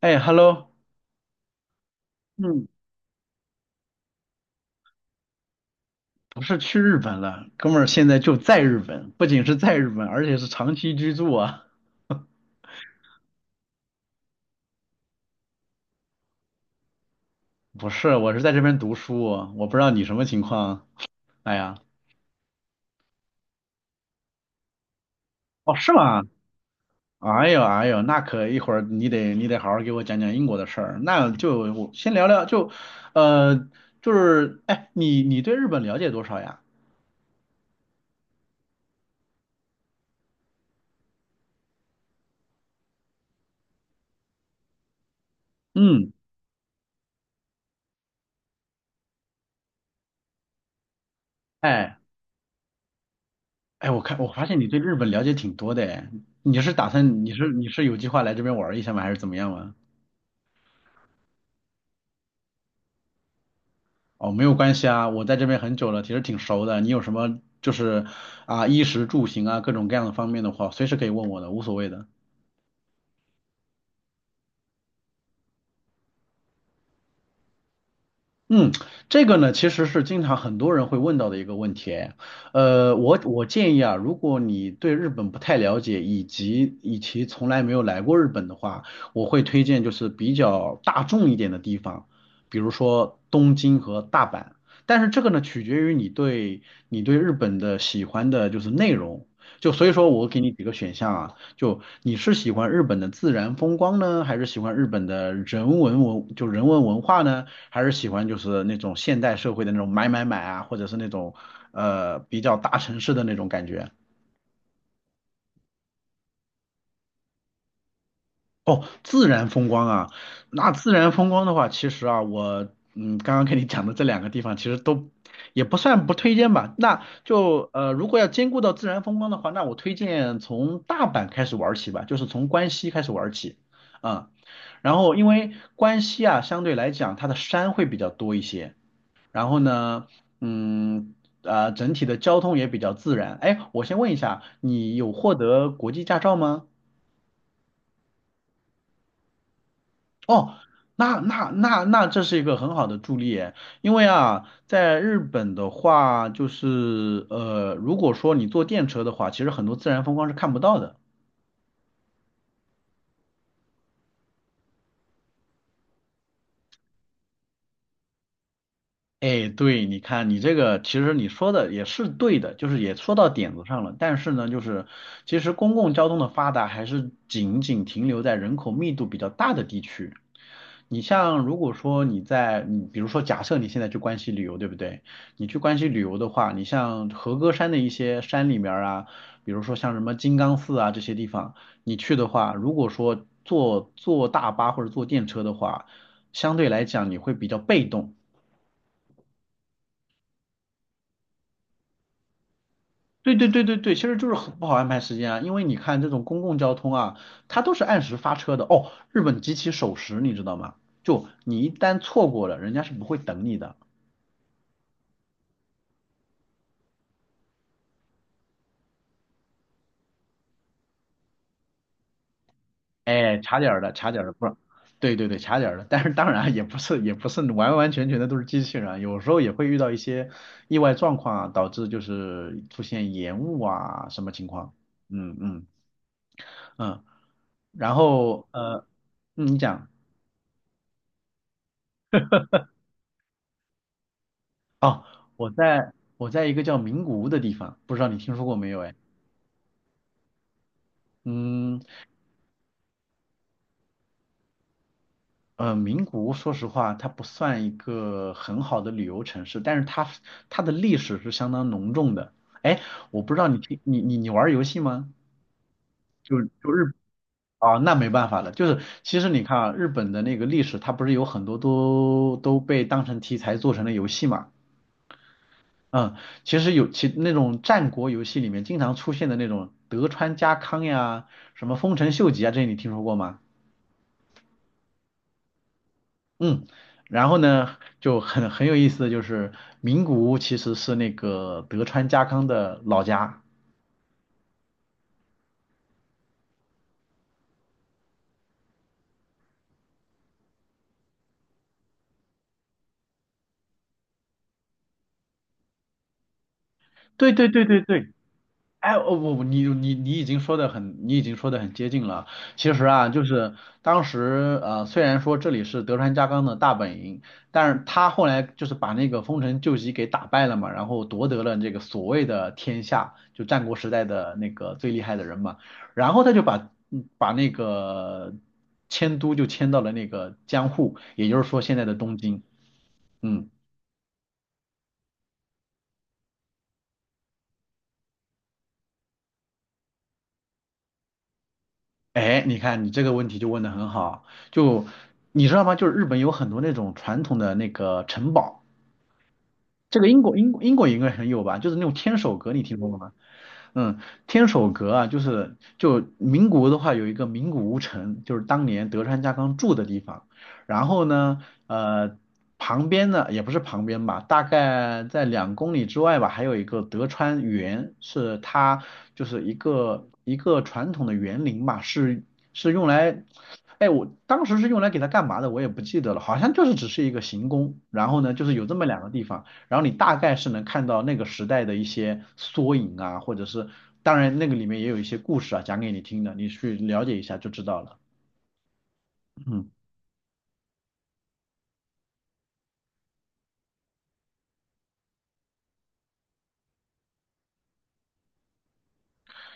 哎，Hello，嗯，不是去日本了，哥们儿现在就在日本，不仅是在日本，而且是长期居住啊。不是，我是在这边读书，我不知道你什么情况。哎呀，哦，是吗？哎呦哎呦，那可一会儿你得好好给我讲讲英国的事儿。那就我先聊聊，就呃就是哎，你对日本了解多少呀？嗯，哎哎，我发现你对日本了解挺多的哎，你是打算你是你是有计划来这边玩儿一下吗？还是怎么样吗？哦，没有关系啊，我在这边很久了，其实挺熟的。你有什么就是啊，衣食住行啊，各种各样的方面的话，随时可以问我的，无所谓的。嗯，这个呢，其实是经常很多人会问到的一个问题哎。我建议啊，如果你对日本不太了解，以及从来没有来过日本的话，我会推荐就是比较大众一点的地方，比如说东京和大阪。但是这个呢，取决于你对日本的喜欢的就是内容。就所以说我给你几个选项啊，就你是喜欢日本的自然风光呢，还是喜欢日本的人文文，就人文文化呢，还是喜欢就是那种现代社会的那种买买买啊，或者是那种比较大城市的那种感觉？哦，自然风光啊，那自然风光的话，其实啊，我刚刚跟你讲的这两个地方其实都也不算不推荐吧。那就如果要兼顾到自然风光的话，那我推荐从大阪开始玩起吧，就是从关西开始玩起。啊。然后因为关西啊，相对来讲它的山会比较多一些，然后呢，嗯，啊、整体的交通也比较自然。哎，我先问一下，你有获得国际驾照吗？哦，那这是一个很好的助力耶，因为啊，在日本的话，就是如果说你坐电车的话，其实很多自然风光是看不到的。哎，对，你看你这个，其实你说的也是对的，就是也说到点子上了。但是呢，就是其实公共交通的发达还是仅仅停留在人口密度比较大的地区。你像如果说你比如说假设你现在去关西旅游，对不对？你去关西旅游的话，你像和歌山的一些山里面儿啊，比如说像什么金刚寺啊这些地方，你去的话，如果说坐大巴或者坐电车的话，相对来讲你会比较被动。对对对对对，其实就是很不好安排时间啊，因为你看这种公共交通啊，它都是按时发车的哦。日本极其守时，你知道吗？就你一旦错过了，人家是不会等你的。哎，卡点儿的，卡点儿的，不是，对对对，卡点儿的。但是当然啊也不是完完全全的都是机器人啊，有时候也会遇到一些意外状况啊，导致就是出现延误啊什么情况。嗯嗯嗯，然后你讲。哦，我在一个叫名古屋的地方，不知道你听说过没有？哎，嗯，名古屋说实话，它不算一个很好的旅游城市，但是它的历史是相当浓重的。哎，我不知道你听你你你玩儿游戏吗？就就日啊、哦那没办法了，就是其实你看啊，日本的那个历史，它不是有很多都被当成题材做成了游戏嘛？嗯，其实有那种战国游戏里面经常出现的那种德川家康呀，什么丰臣秀吉啊，这些你听说过吗？嗯，然后呢，就很有意思的就是名古屋其实是那个德川家康的老家。对对对对对哎，哦不，不，你已经说的很接近了。其实啊，就是当时虽然说这里是德川家康的大本营，但是他后来就是把那个丰臣秀吉给打败了嘛，然后夺得了这个所谓的天下，就战国时代的那个最厉害的人嘛。然后他就把那个迁都就迁到了那个江户，也就是说现在的东京。嗯。哎，你看你这个问题就问的很好，就你知道吗？就是日本有很多那种传统的那个城堡，这个英国应该很有吧？就是那种天守阁，你听说过吗？嗯，天守阁啊，就是就名古屋的话，有一个名古屋城，就是当年德川家康住的地方。然后呢，呃，旁边呢也不是旁边吧，大概在2公里之外吧，还有一个德川园，是它就是一个传统的园林吧，是用来，哎，我当时是用来给它干嘛的，我也不记得了，好像就是只是一个行宫。然后呢，就是有这么两个地方。然后你大概是能看到那个时代的一些缩影啊，或者是当然那个里面也有一些故事啊，讲给你听的，你去了解一下就知道了。嗯。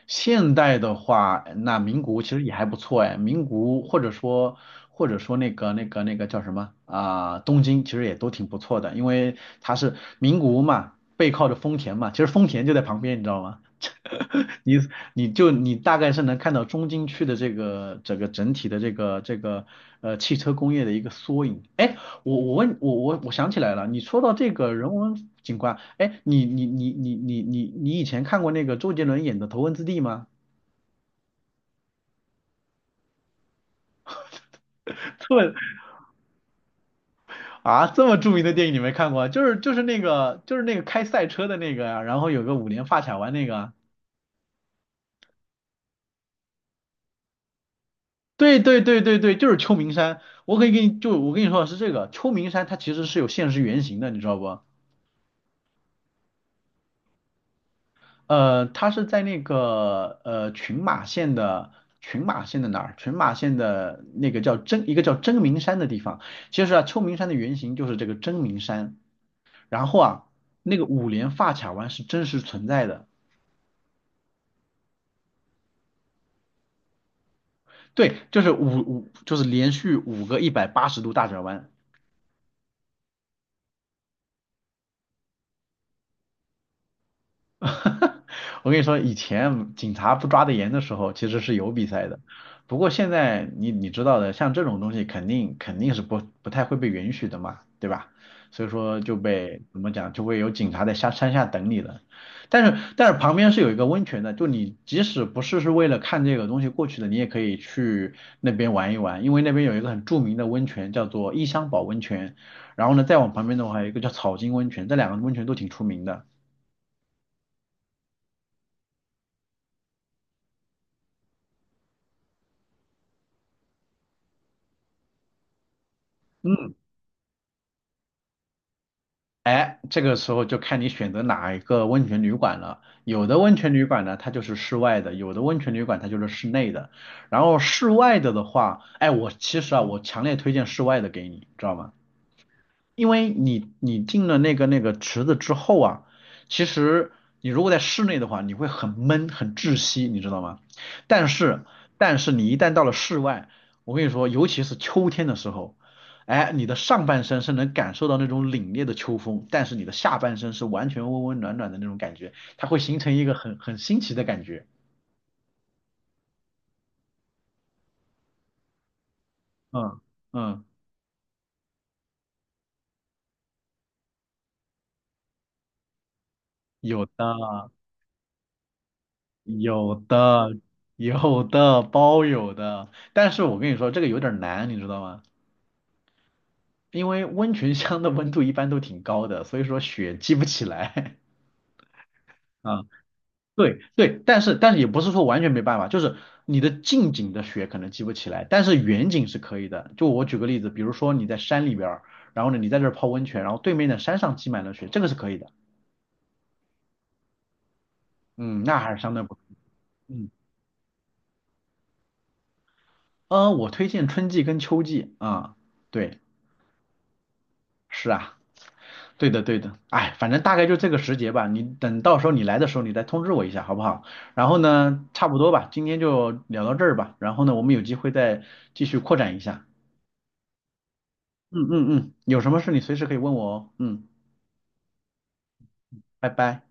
现代的话，那名古屋其实也还不错哎，名古屋或者说那个叫什么啊、东京其实也都挺不错的，因为它是名古屋嘛，背靠着丰田嘛，其实丰田就在旁边，你知道吗？你你大概是能看到中京区的这个整个整体的这个这个汽车工业的一个缩影。哎，我我问我我我想起来了，你说到这个人文景观，哎，你以前看过那个周杰伦演的《头文字 D》吗？这么这么著名的电影你没看过啊就是那个开赛车的那个呀、然后有个五连发卡弯那个啊对对对对对，就是秋名山。我可以给你就我跟你说的是这个秋名山，它其实是有现实原型的，你知道不？它是在那个群马县的群马县的哪儿？群马县的那个一个叫真名山的地方。其实啊，秋名山的原型就是这个真名山。然后啊，那个五连发卡弯是真实存在的。对，就是就是连续五个180度大转弯。哈哈，我跟你说，以前警察不抓得严的时候，其实是有比赛的。不过现在你知道的，像这种东西肯定是不太会被允许的嘛，对吧？所以说怎么讲，就会有警察在下山下等你了。但是旁边是有一个温泉的，就你即使不是为了看这个东西过去的，你也可以去那边玩一玩，因为那边有一个很著名的温泉叫做伊香保温泉，然后呢再往旁边的话有一个叫草金温泉，这两个温泉都挺出名的。嗯。哎，这个时候就看你选择哪一个温泉旅馆了。有的温泉旅馆呢，它就是室外的；有的温泉旅馆它就是室内的。然后室外的话，哎，我其实啊，我强烈推荐室外的给你，知道吗？因为你进了那个池子之后啊，其实你如果在室内的话，你会很闷很窒息，你知道吗？但是但是你一旦到了室外，我跟你说，尤其是秋天的时候，哎，你的上半身是能感受到那种凛冽的秋风，但是你的下半身是完全温温暖暖的那种感觉，它会形成一个很新奇的感觉。嗯嗯，有的有的有的包有的，但是我跟你说这个有点难，你知道吗？因为温泉乡的温度一般都挺高的，所以说雪积不起来。啊，对对，但是也不是说完全没办法，就是你的近景的雪可能积不起来，但是远景是可以的。就我举个例子，比如说你在山里边儿，然后呢你在这儿泡温泉，然后对面的山上积满了雪，这个是可以的。嗯，那还是相对不，嗯，我推荐春季跟秋季啊，对，是啊。对的，对的，哎，反正大概就这个时节吧。你等到时候你来的时候，你再通知我一下，好不好？然后呢，差不多吧，今天就聊到这儿吧。然后呢，我们有机会再继续扩展一下。嗯嗯嗯，有什么事你随时可以问我哦。嗯，拜拜。